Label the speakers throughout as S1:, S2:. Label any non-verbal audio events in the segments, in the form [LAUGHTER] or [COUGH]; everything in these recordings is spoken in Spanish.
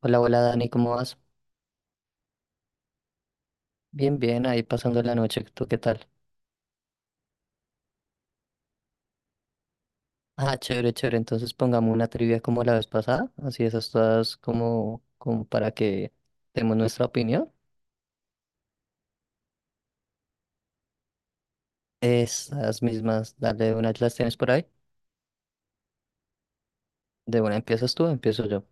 S1: Hola, hola Dani, ¿cómo vas? Bien, bien, ahí pasando la noche, ¿tú qué tal? Ah, chévere, chévere, entonces pongamos una trivia como la vez pasada, así esas todas como, para que demos nuestra opinión. Esas mismas, dale de una, las tienes por ahí. De una empiezas tú, empiezo yo.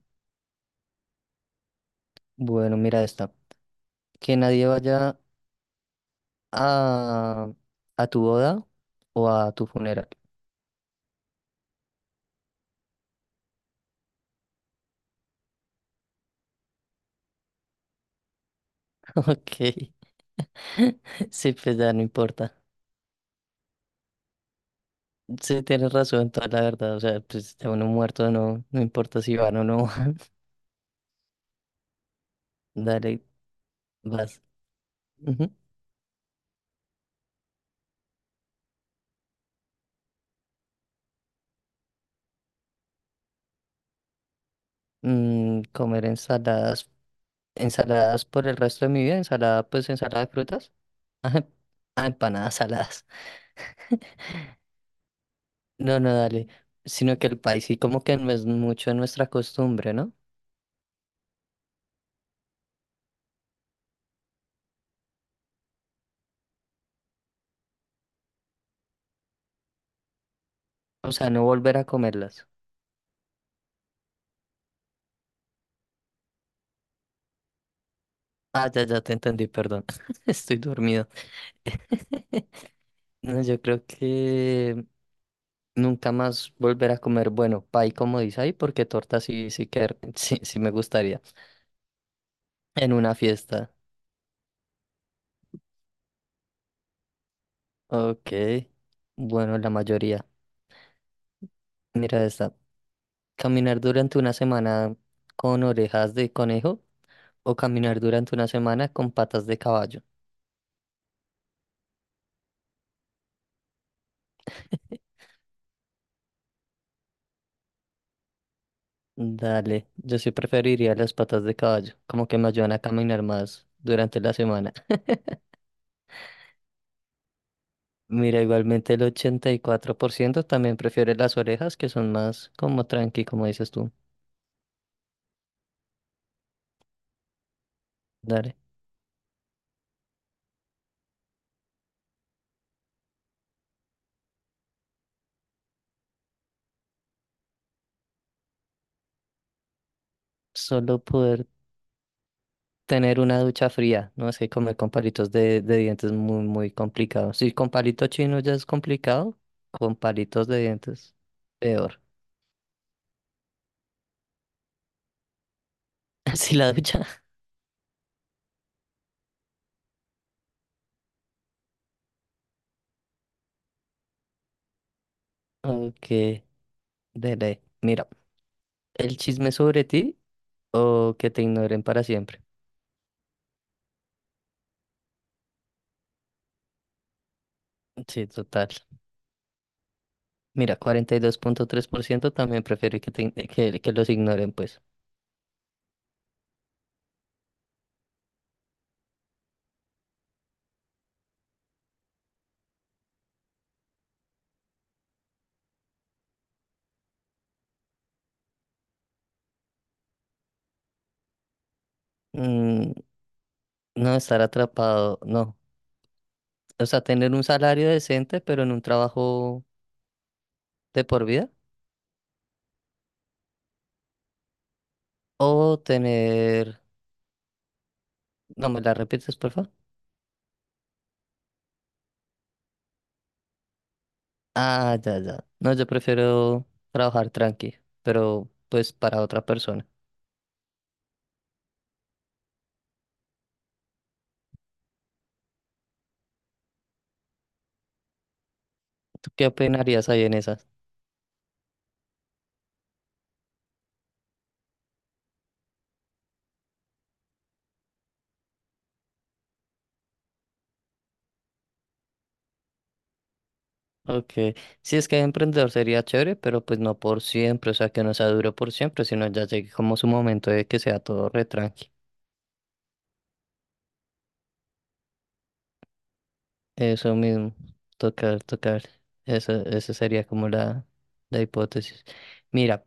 S1: Bueno, mira esta. Que nadie vaya a, a tu boda o a tu funeral. [LAUGHS] Ok. [LAUGHS] Sí, pues ya no importa. Sí, tienes razón, toda la verdad. O sea, pues ya uno muerto no, no importa si van o no. Dale, vas. Ujú. Mm, comer ensaladas, ensaladas por el resto de mi vida, ensalada, pues ensalada de frutas, [LAUGHS] ah, empanadas saladas. No, no, dale. Sino que el país sí como que no es mucho nuestra costumbre, ¿no? O sea, no volver a comerlas. Ah, ya, ya te entendí, perdón. [LAUGHS] Estoy dormido. No, yo creo que nunca más volver a comer, bueno, pay como dice ahí, porque torta sí, sí que [LAUGHS] sí, sí me gustaría. En una fiesta. Ok. Bueno, la mayoría. Mira esta. ¿Caminar durante una semana con orejas de conejo o caminar durante una semana con patas de caballo? Dale, yo sí preferiría las patas de caballo, como que me ayudan a caminar más durante la semana. Mira, igualmente el 84% también prefiere las orejas, que son más como tranqui, como dices tú. Dale, solo poder tener una ducha fría, no es que comer con palitos de dientes es muy, muy complicado. Si con palito chino ya es complicado, con palitos de dientes, peor. [LAUGHS] Así la ducha. Ok, dele. Mira, el chisme sobre ti o que te ignoren para siempre. Sí, total. Mira, 42.3% también prefiere que los ignoren, pues. Mm, no estar atrapado, no. O sea, tener un salario decente, pero en un trabajo de por vida. O tener... No, ¿me la repites, por favor? Ah, ya, ya. No, yo prefiero trabajar tranqui, pero pues para otra persona. ¿Tú qué opinarías ahí en esa? Ok, sí es que emprendedor sería chévere, pero pues no por siempre, o sea, que no sea duro por siempre, sino ya llegue como su momento de que sea todo re tranqui. Eso mismo, tocar, tocar. Eso, esa sería como la hipótesis. Mira,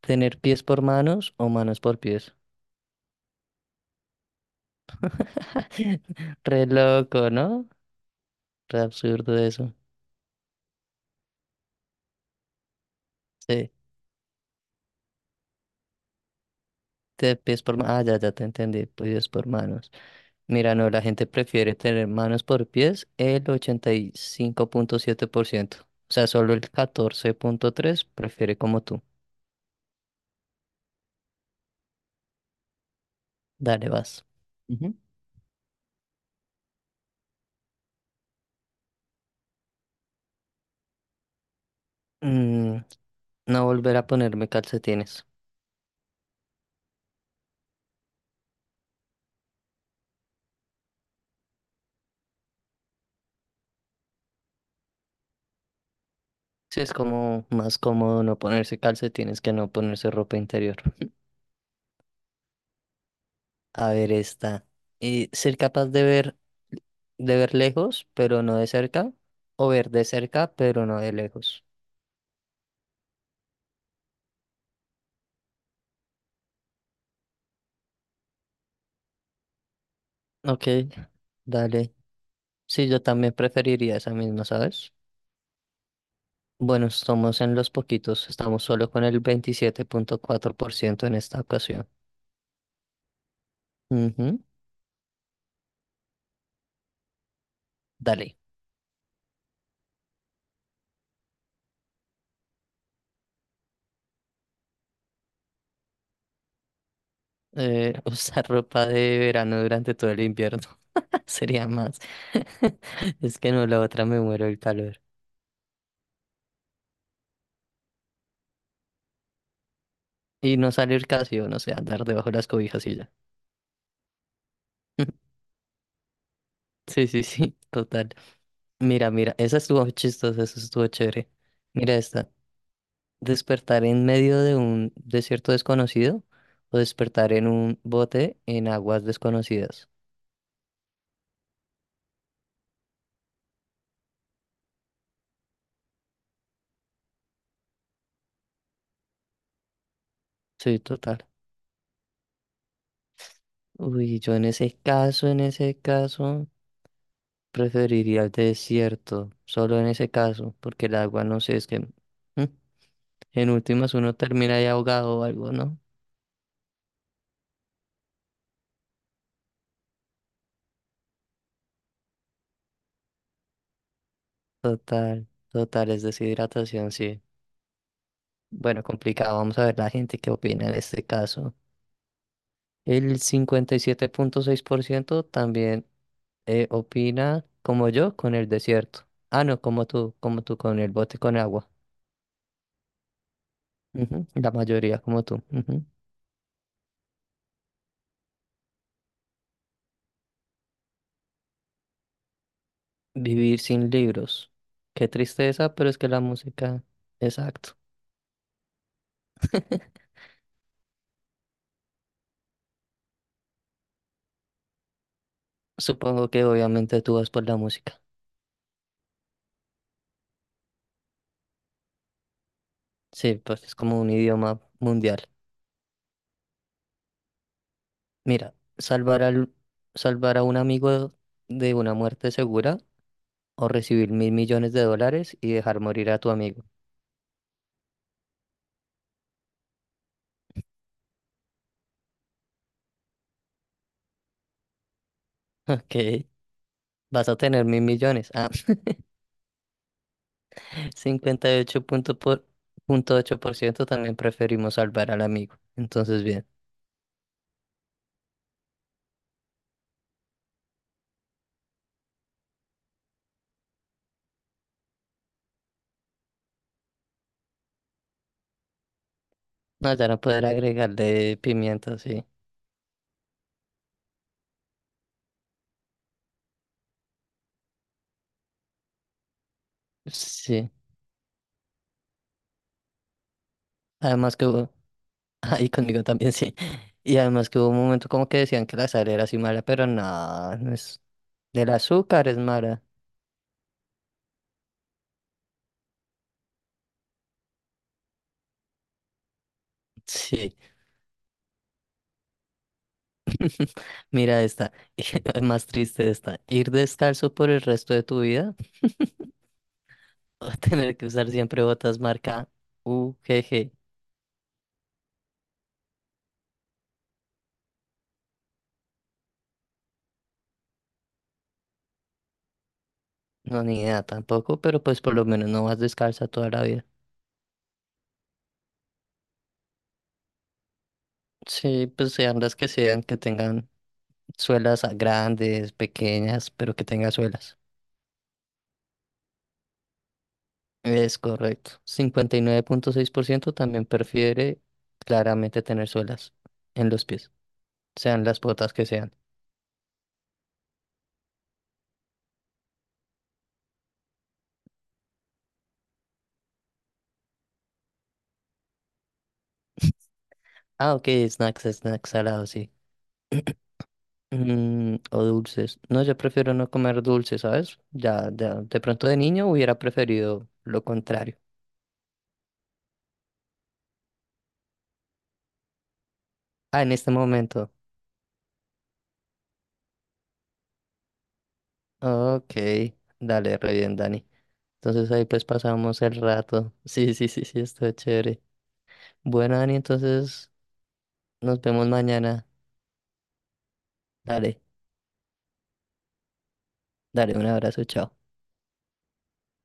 S1: tener pies por manos o manos por pies. [LAUGHS] Re loco, ¿no? Re absurdo eso. Sí, pies por manos. Ah, ya, ya te entendí, pies por manos. Mira, no, la gente prefiere tener manos por pies el 85.7%. O sea, solo el 14.3% prefiere como tú. Dale, vas. Ujú. Mm, no volver a ponerme calcetines. Sí, es como más cómodo no ponerse calcetines que no ponerse ropa interior. [LAUGHS] A ver, esta. Ser capaz de ver lejos, pero no de cerca. O ver de cerca, pero no de lejos. Ok, dale. Sí, yo también preferiría esa misma, ¿sabes? Bueno, estamos en los poquitos, estamos solo con el 27.4% en esta ocasión. Ujú. Dale, [LAUGHS] usar ropa de verano durante todo el invierno [LAUGHS] sería más. [LAUGHS] Es que no, la otra me muero el calor. Y no salir casi, o no sé, andar debajo de las cobijas y ya. [LAUGHS] Sí, sí, sí, [LAUGHS] total. Mira, mira, esa estuvo chistosa, esa estuvo chévere. Mira esta. ¿Despertar en medio de un desierto desconocido o despertar en un bote en aguas desconocidas? Sí, total. Uy, yo en ese caso, preferiría el desierto, solo en ese caso, porque el agua, no sé, es que en últimas uno termina ahí ahogado o algo, ¿no? Total, total, es deshidratación, sí. Bueno, complicado, vamos a ver la gente qué opina en este caso. El 57.6% también opina como yo con el desierto. Ah, no, como tú con el bote con agua. Ujú. La mayoría como tú. Vivir sin libros. Qué tristeza, pero es que la música. Exacto. Supongo que obviamente tú vas por la música. Sí, pues es como un idioma mundial. Mira, salvar a un amigo de una muerte segura o recibir mil millones de dólares y dejar morir a tu amigo. [LAUGHS] Ok, vas a tener mil millones. Ah, [LAUGHS] cincuenta y ocho punto por- punto ocho por ciento también preferimos salvar al amigo. Entonces, bien. No, ya no poder agregarle pimienta, sí. Sí. Además que hubo, [LAUGHS] ahí conmigo también sí. Y además que hubo un momento como que decían que la sal era así mala, pero nada no es, del azúcar es mala. Sí, mira esta, [LAUGHS] es más triste esta. Ir descalzo por el resto de tu vida [LAUGHS] o tener que usar siempre botas marca UGG. No, ni idea tampoco, pero pues por lo menos no vas descalza toda la vida. Sí, pues sean las que sean, que tengan suelas grandes, pequeñas, pero que tenga suelas. Es correcto. 59.6% también prefiere claramente tener suelas en los pies, sean las botas que sean. Ah, ok, snacks, snacks salados, sí. Mm, o dulces. No, yo prefiero no comer dulces, ¿sabes? Ya, ya, de pronto de niño hubiera preferido lo contrario. Ah, en este momento. Ok, dale, re bien, Dani. Entonces ahí pues pasamos el rato. [LAUGHS] Sí, sí, sí, sí, está chévere. Bueno, Dani, entonces nos vemos mañana. Dale, dale, un abrazo, chao.